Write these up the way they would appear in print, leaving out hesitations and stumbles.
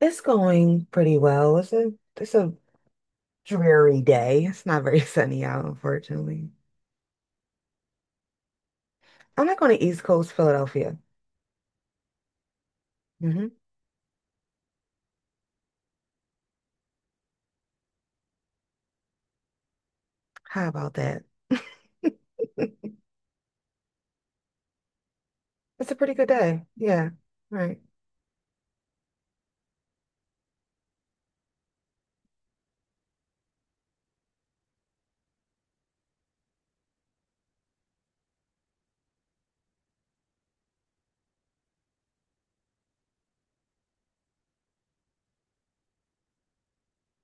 It's going pretty well. It's a dreary day. It's not very sunny out, unfortunately. I'm not going to East Coast Philadelphia. Hmm. How about that? It's a pretty good day. Yeah. Right.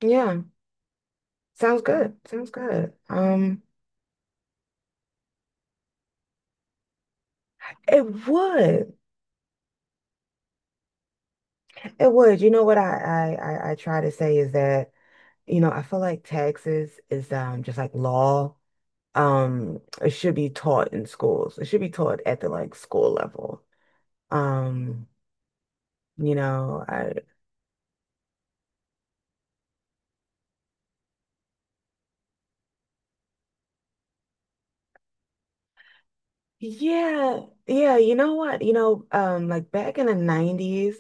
Yeah. Sounds good. Sounds good. It would. It would. You know what I try to say is that, you know, I feel like taxes is just like law. It should be taught in schools. It should be taught at the like school level. Um You know, I Yeah, yeah, you know what? You know, like back in the 90s,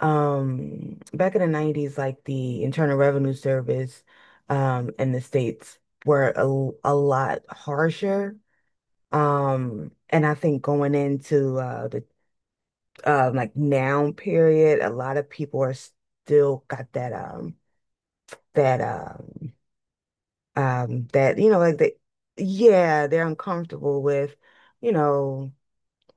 back in the 90s like the Internal Revenue Service in the States were a lot harsher. And I think going into the like now period, a lot of people are still got that that that you know like they yeah, they're uncomfortable with, you know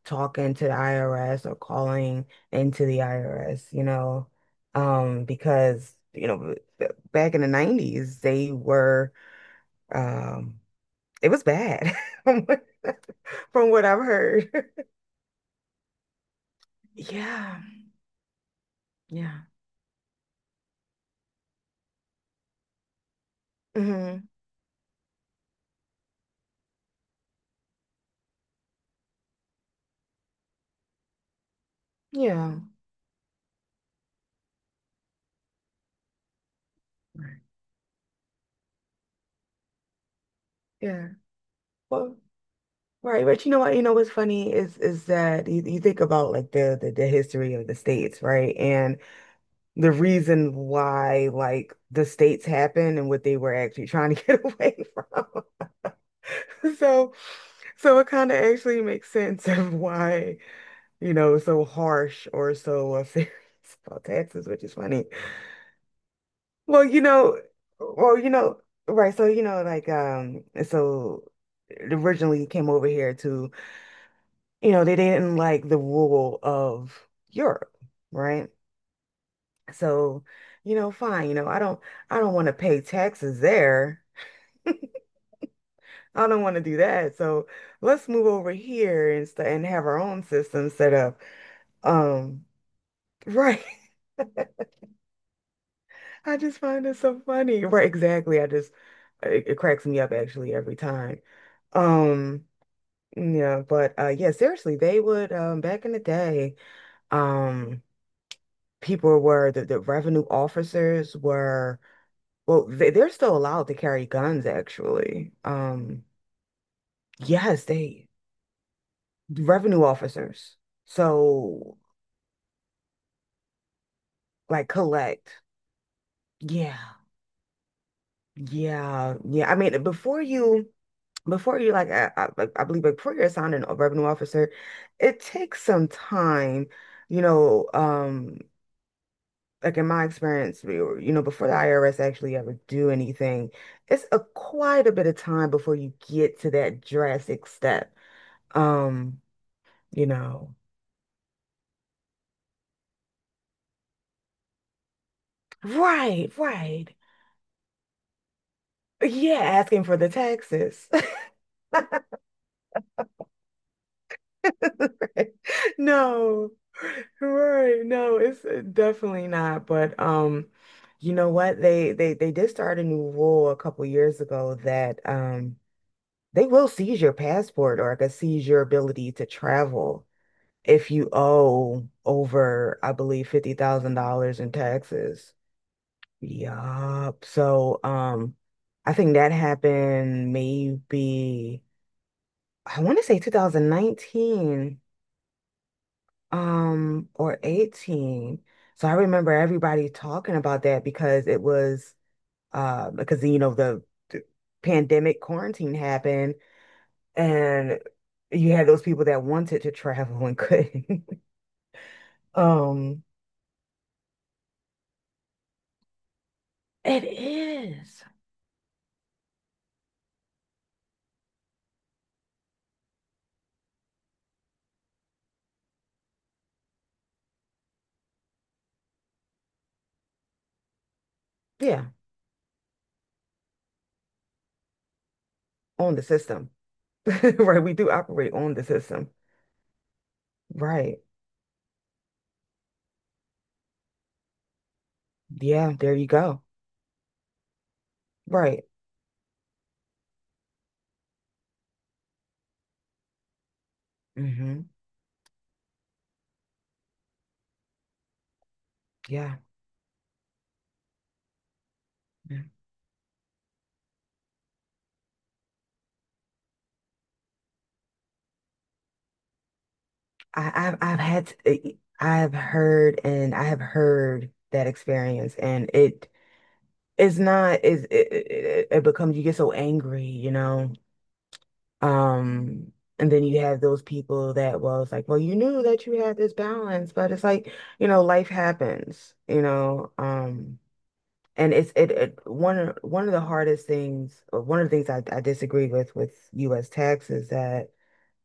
talking to the IRS or calling into the IRS, you know, because, you know, back in the 90s, they were, um, it was bad from what, from what I've heard. Yeah, yeah. Hmm. Yeah. Right. Yeah. Well, right. But you know what? You know what's funny is that you think about like the history of the states, right? And the reason why like the states happened and what they were actually trying to get away from. So so it kind of actually makes sense of why, you know, it's so harsh or so serious about taxes, which is funny. Well, you know, well, you know, right, so you know, like so originally came over here to, you know, they didn't like the rule of Europe, right? So, you know, fine, you know, I don't want to pay taxes there. I don't want to do that. So let's move over here and st and have our own system set up. Um, right. I just find it so funny. Right, exactly. I just it, it cracks me up actually every time. Um, yeah, but yeah, seriously, they would back in the day, um people were the revenue officers were well they're still allowed to carry guns actually. Yes, they revenue officers. So like collect. Yeah. Yeah. Yeah. I mean, before you like I like I believe like, before you're assigned a revenue officer, it takes some time, you know, like in my experience, you know, before the IRS actually ever do anything, it's a quite a bit of time before you get to that drastic step. Um, you know. Right, right. Yeah, asking for the taxes. No, right. No, it's definitely not. But you know what? They did start a new rule a couple years ago that they will seize your passport or like seize your ability to travel if you owe over, I believe, $50,000 in taxes. Yup. So I think that happened maybe I want to say 2019. Um, or 18. So I remember everybody talking about that because it was because you know the pandemic quarantine happened and you had those people that wanted to travel and couldn't. Um it is. Yeah, on the system. Right, we do operate on the system. Right. Yeah, there you go. Right. Hmm. Yeah. I've had to, I've heard and I have heard that experience and it it's not is it, it it becomes you get so angry, you know. Um and then you have those people that was like, well you knew that you had this balance, but it's like, you know, life happens, you know. And it's it, it one of the hardest things or one of the things I disagree with US tax is that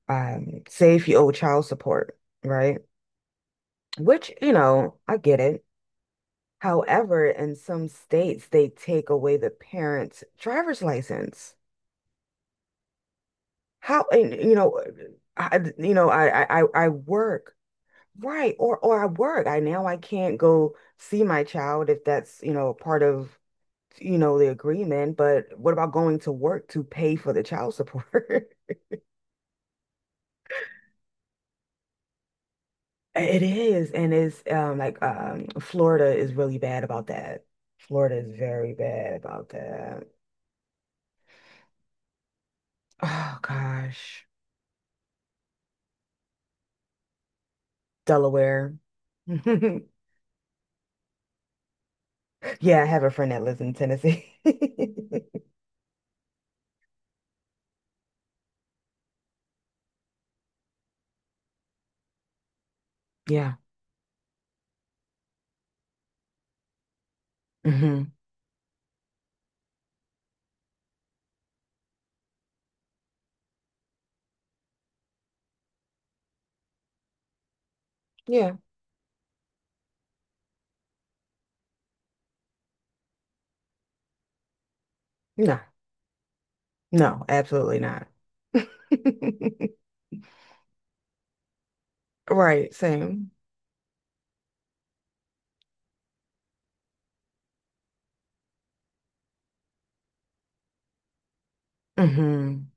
say if you owe child support, right? Which, you know, I get it. However, in some states, they take away the parent's driver's license. How, and, you know, I work, right? Or I work. I now I can't go see my child if that's, you know, part of, you know, the agreement. But what about going to work to pay for the child support? It is, and it's like Florida is really bad about that. Florida is very bad about that. Oh gosh. Delaware. Yeah, I have a friend that lives in Tennessee. Yeah. Hmm. Yeah, no, no, absolutely not. Right, same. Hmm.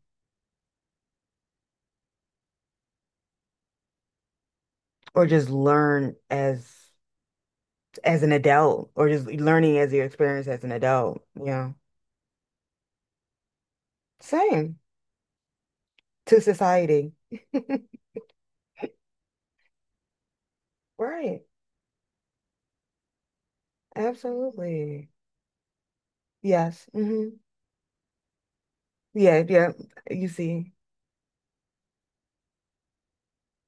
Or just learn as an adult, or just learning as your experience as an adult. Yeah, same to society. Right, absolutely. Yes. Hmm. Yeah, yeah. You see.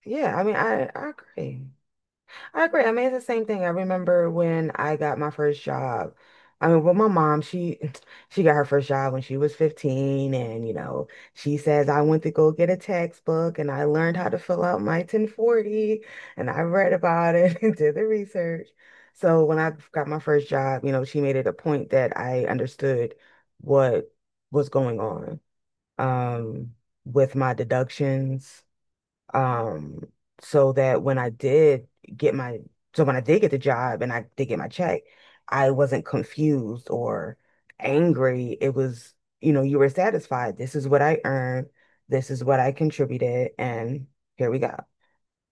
Yeah, I mean, I agree. I agree. I mean, it's the same thing. I remember when I got my first job. I mean, well, my mom, she she got her first job when she was 15, and you know, she says I went to go get a textbook and I learned how to fill out my 1040 and I read about it and did the research. So when I got my first job, you know, she made it a point that I understood what was going on um with my deductions um, so that when I did get my, so when I did get the job and I did get my check, I wasn't confused or angry. It was, you know, you were satisfied. This is what I earned. This is what I contributed. And here we go.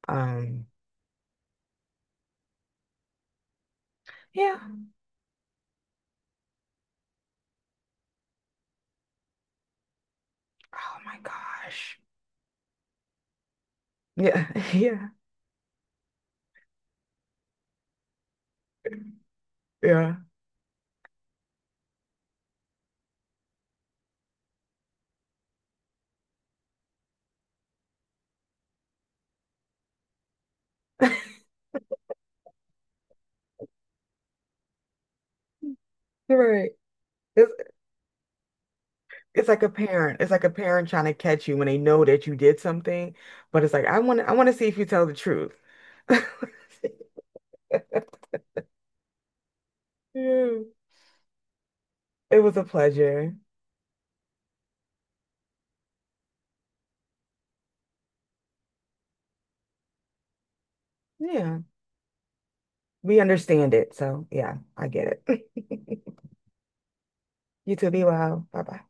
Um, yeah. Oh my gosh. Yeah. Yeah. Yeah. You're right. It's, it's like a parent. It's like a parent trying to catch you when they know that you did something, but it's like I want to see if you tell the truth. Mm. It was a pleasure. Yeah. We understand it. So, yeah, I get it. You too. Be well. Bye bye.